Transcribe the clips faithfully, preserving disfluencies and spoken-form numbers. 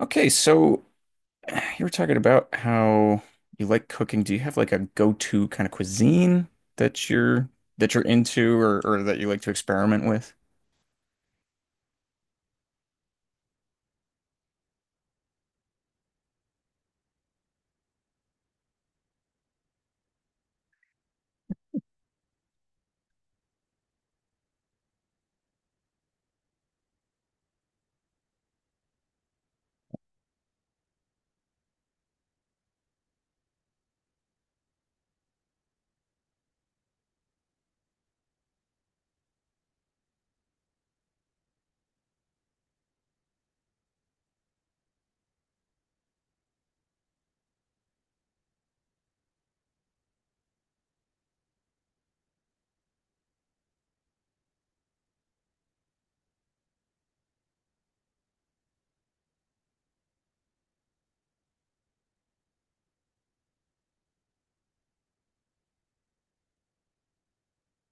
Okay, so uh, you were talking about how you like cooking. Do you have like a go-to kind of cuisine that you're that you're into or, or that you like to experiment with?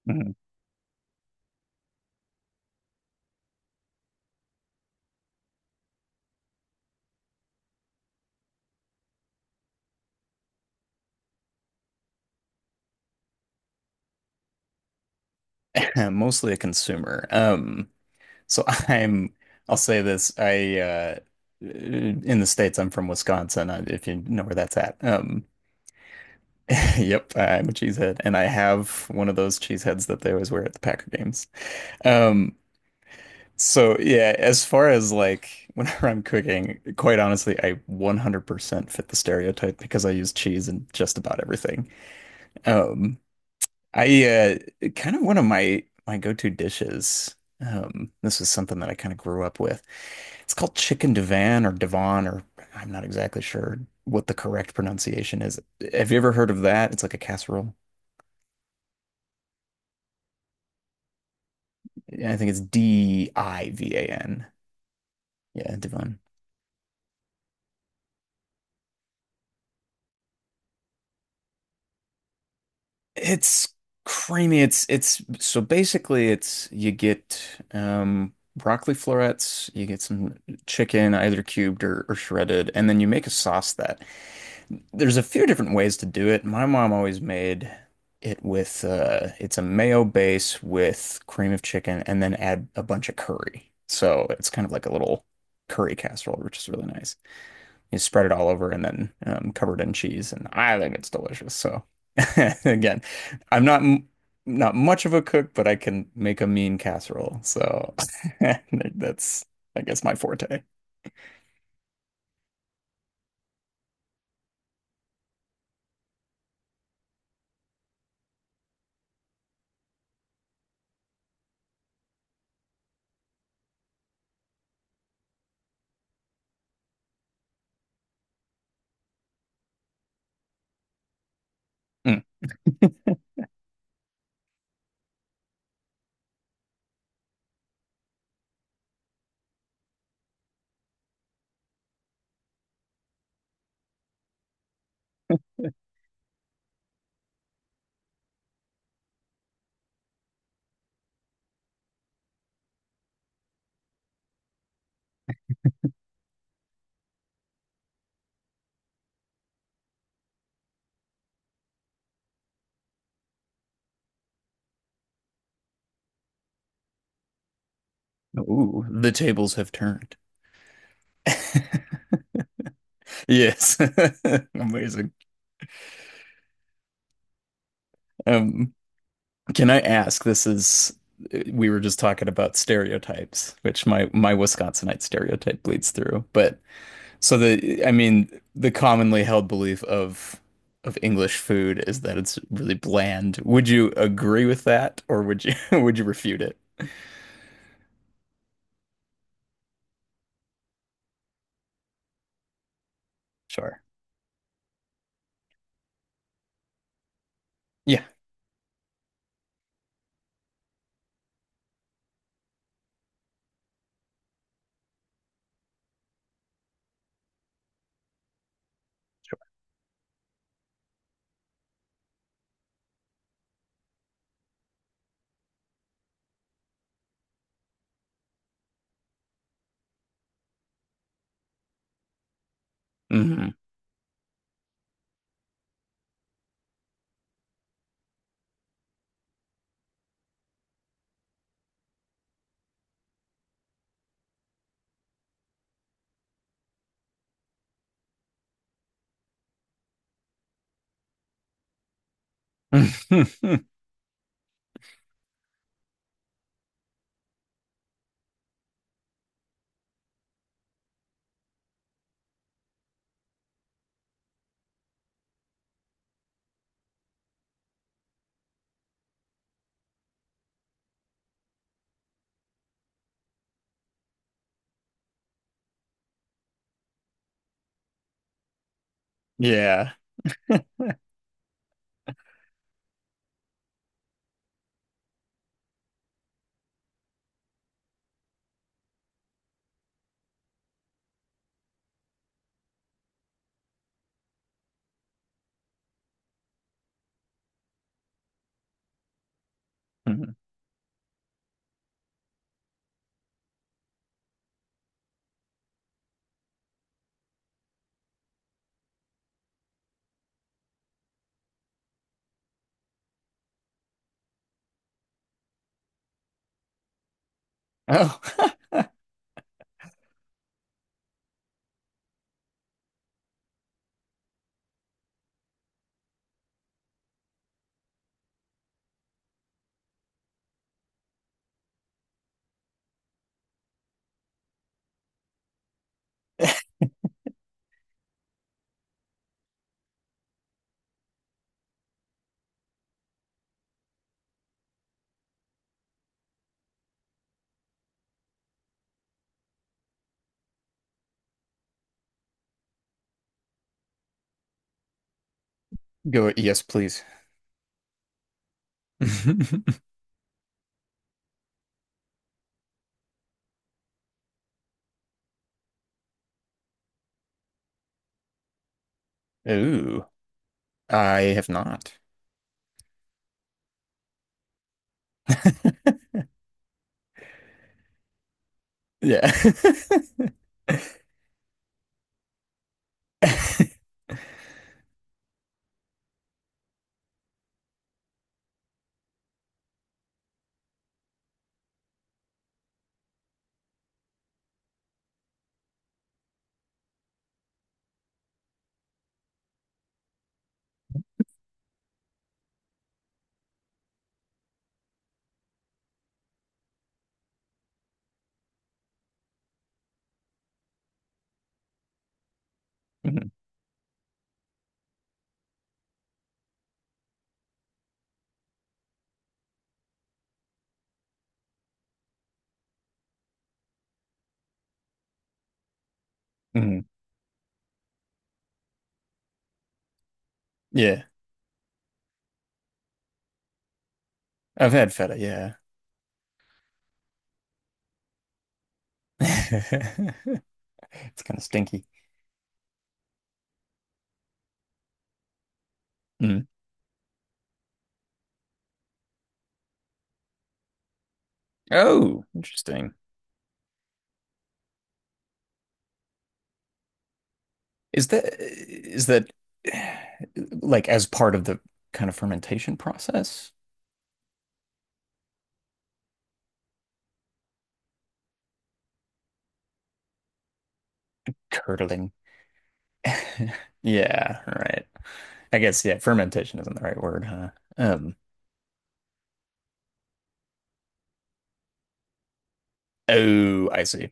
Mhm. Mostly a consumer. Um, so I'm I'll say this. I uh in the States, I'm from Wisconsin, uh, if you know where that's at. Um yep, I'm a cheesehead and I have one of those cheeseheads that they always wear at the Packer games. Um. So yeah, as far as like whenever I'm cooking, quite honestly, I one hundred percent fit the stereotype because I use cheese in just about everything. Um, I uh, kind of one of my my go-to dishes. Um, this is something that I kind of grew up with. It's called chicken divan or divan, or I'm not exactly sure what the correct pronunciation is. Have you ever heard of that? It's like a casserole. Yeah, I think it's D I V A N. Yeah, divan. It's creamy. It's it's so basically it's you get um broccoli florets, you get some chicken either cubed or, or shredded, and then you make a sauce that there's a few different ways to do it. My mom always made it with uh it's a mayo base with cream of chicken and then add a bunch of curry. So it's kind of like a little curry casserole, which is really nice. You spread it all over and then um, covered in cheese. And I think it's delicious. So again, I'm not m- not much of a cook, but I can make a mean casserole. So that's, I guess, my forte. Mm. Ooh, the tables have turned. Yes. Amazing. Um. Can I ask? This is. We were just talking about stereotypes, which my my Wisconsinite stereotype bleeds through. But so the I mean the commonly held belief of of English food is that it's really bland. Would you agree with that, or would you would you refute it? Sure. Yeah. Hmm. Yeah. Mhm. Oh, go. Yes, please. Ooh. I have not. Yeah. Mm, yeah, I've had feta, yeah. It's kind of stinky. Mm. Oh, interesting. Is that is that eh, like as part of the kind of fermentation process? Curdling. Yeah, right. I guess yeah, fermentation isn't the right word, huh? Um, oh, I see.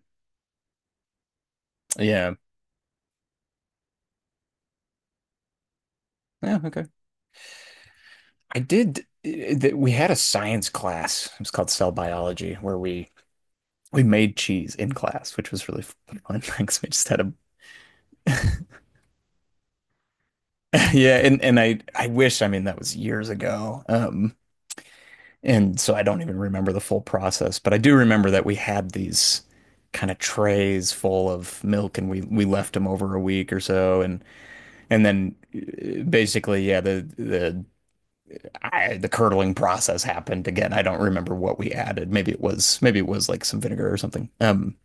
Yeah. Yeah, okay. I did eh, that we had a science class. It was called cell biology where we we made cheese in class, which was really fun. Because we just had a yeah, and and I I wish, I mean, that was years ago. Um, and so I don't even remember the full process, but I do remember that we had these kind of trays full of milk and we we left them over a week or so and and then uh, basically yeah, the the I, the curdling process happened again. I don't remember what we added. Maybe it was maybe it was like some vinegar or something. Um,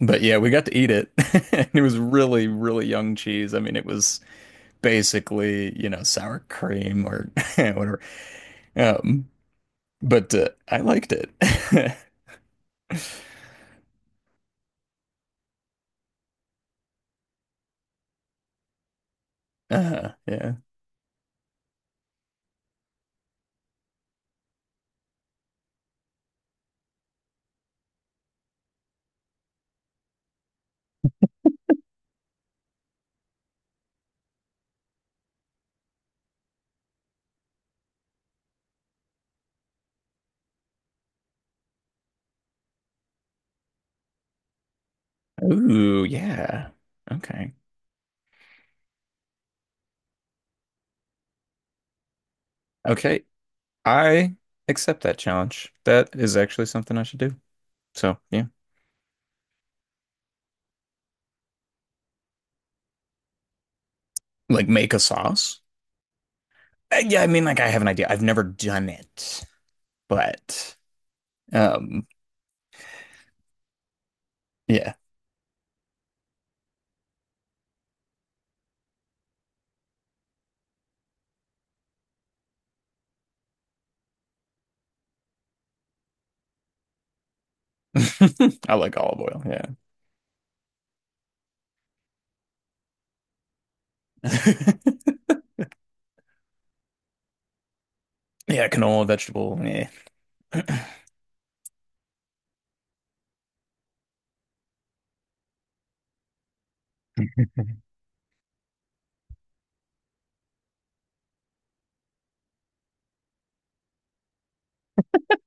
but yeah, we got to eat it. And it was really, really young cheese. I mean, it was basically, you know, sour cream or whatever. Um, but uh, I liked it. Uh, yeah. Ooh, yeah. Okay. Okay. I accept that challenge. That is actually something I should do. So, yeah. Like make a sauce? Uh, Yeah, I mean, like I have an idea. I've never done it, but um, yeah, I like olive oil. Yeah, yeah, canola, vegetable. Yeah,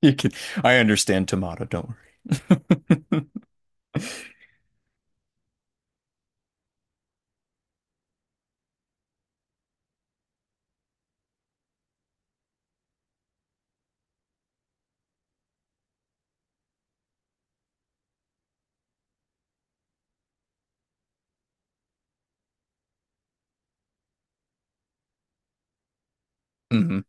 you can. I understand tomato. Don't worry. Hmm.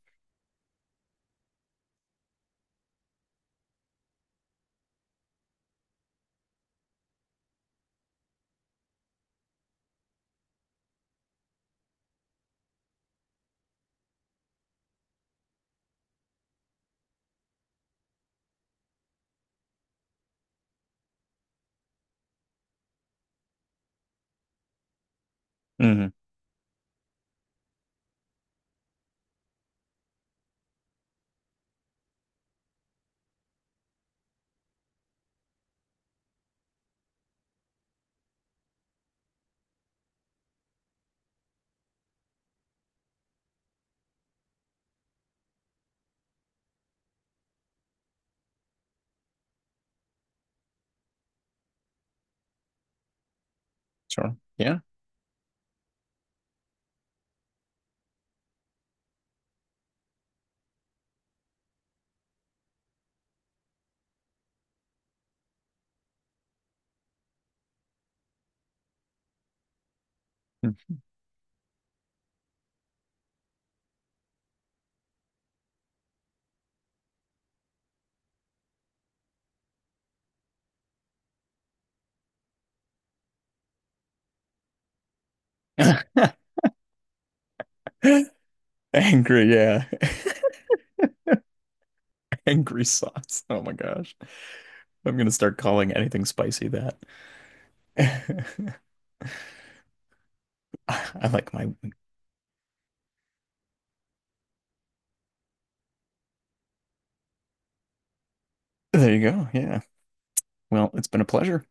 Hmm. Sure. Yeah. Mhm. Angry. Yeah. Angry sauce. Oh my gosh. I'm gonna start calling anything spicy that. I like my. There you go. Yeah. Well, it's been a pleasure.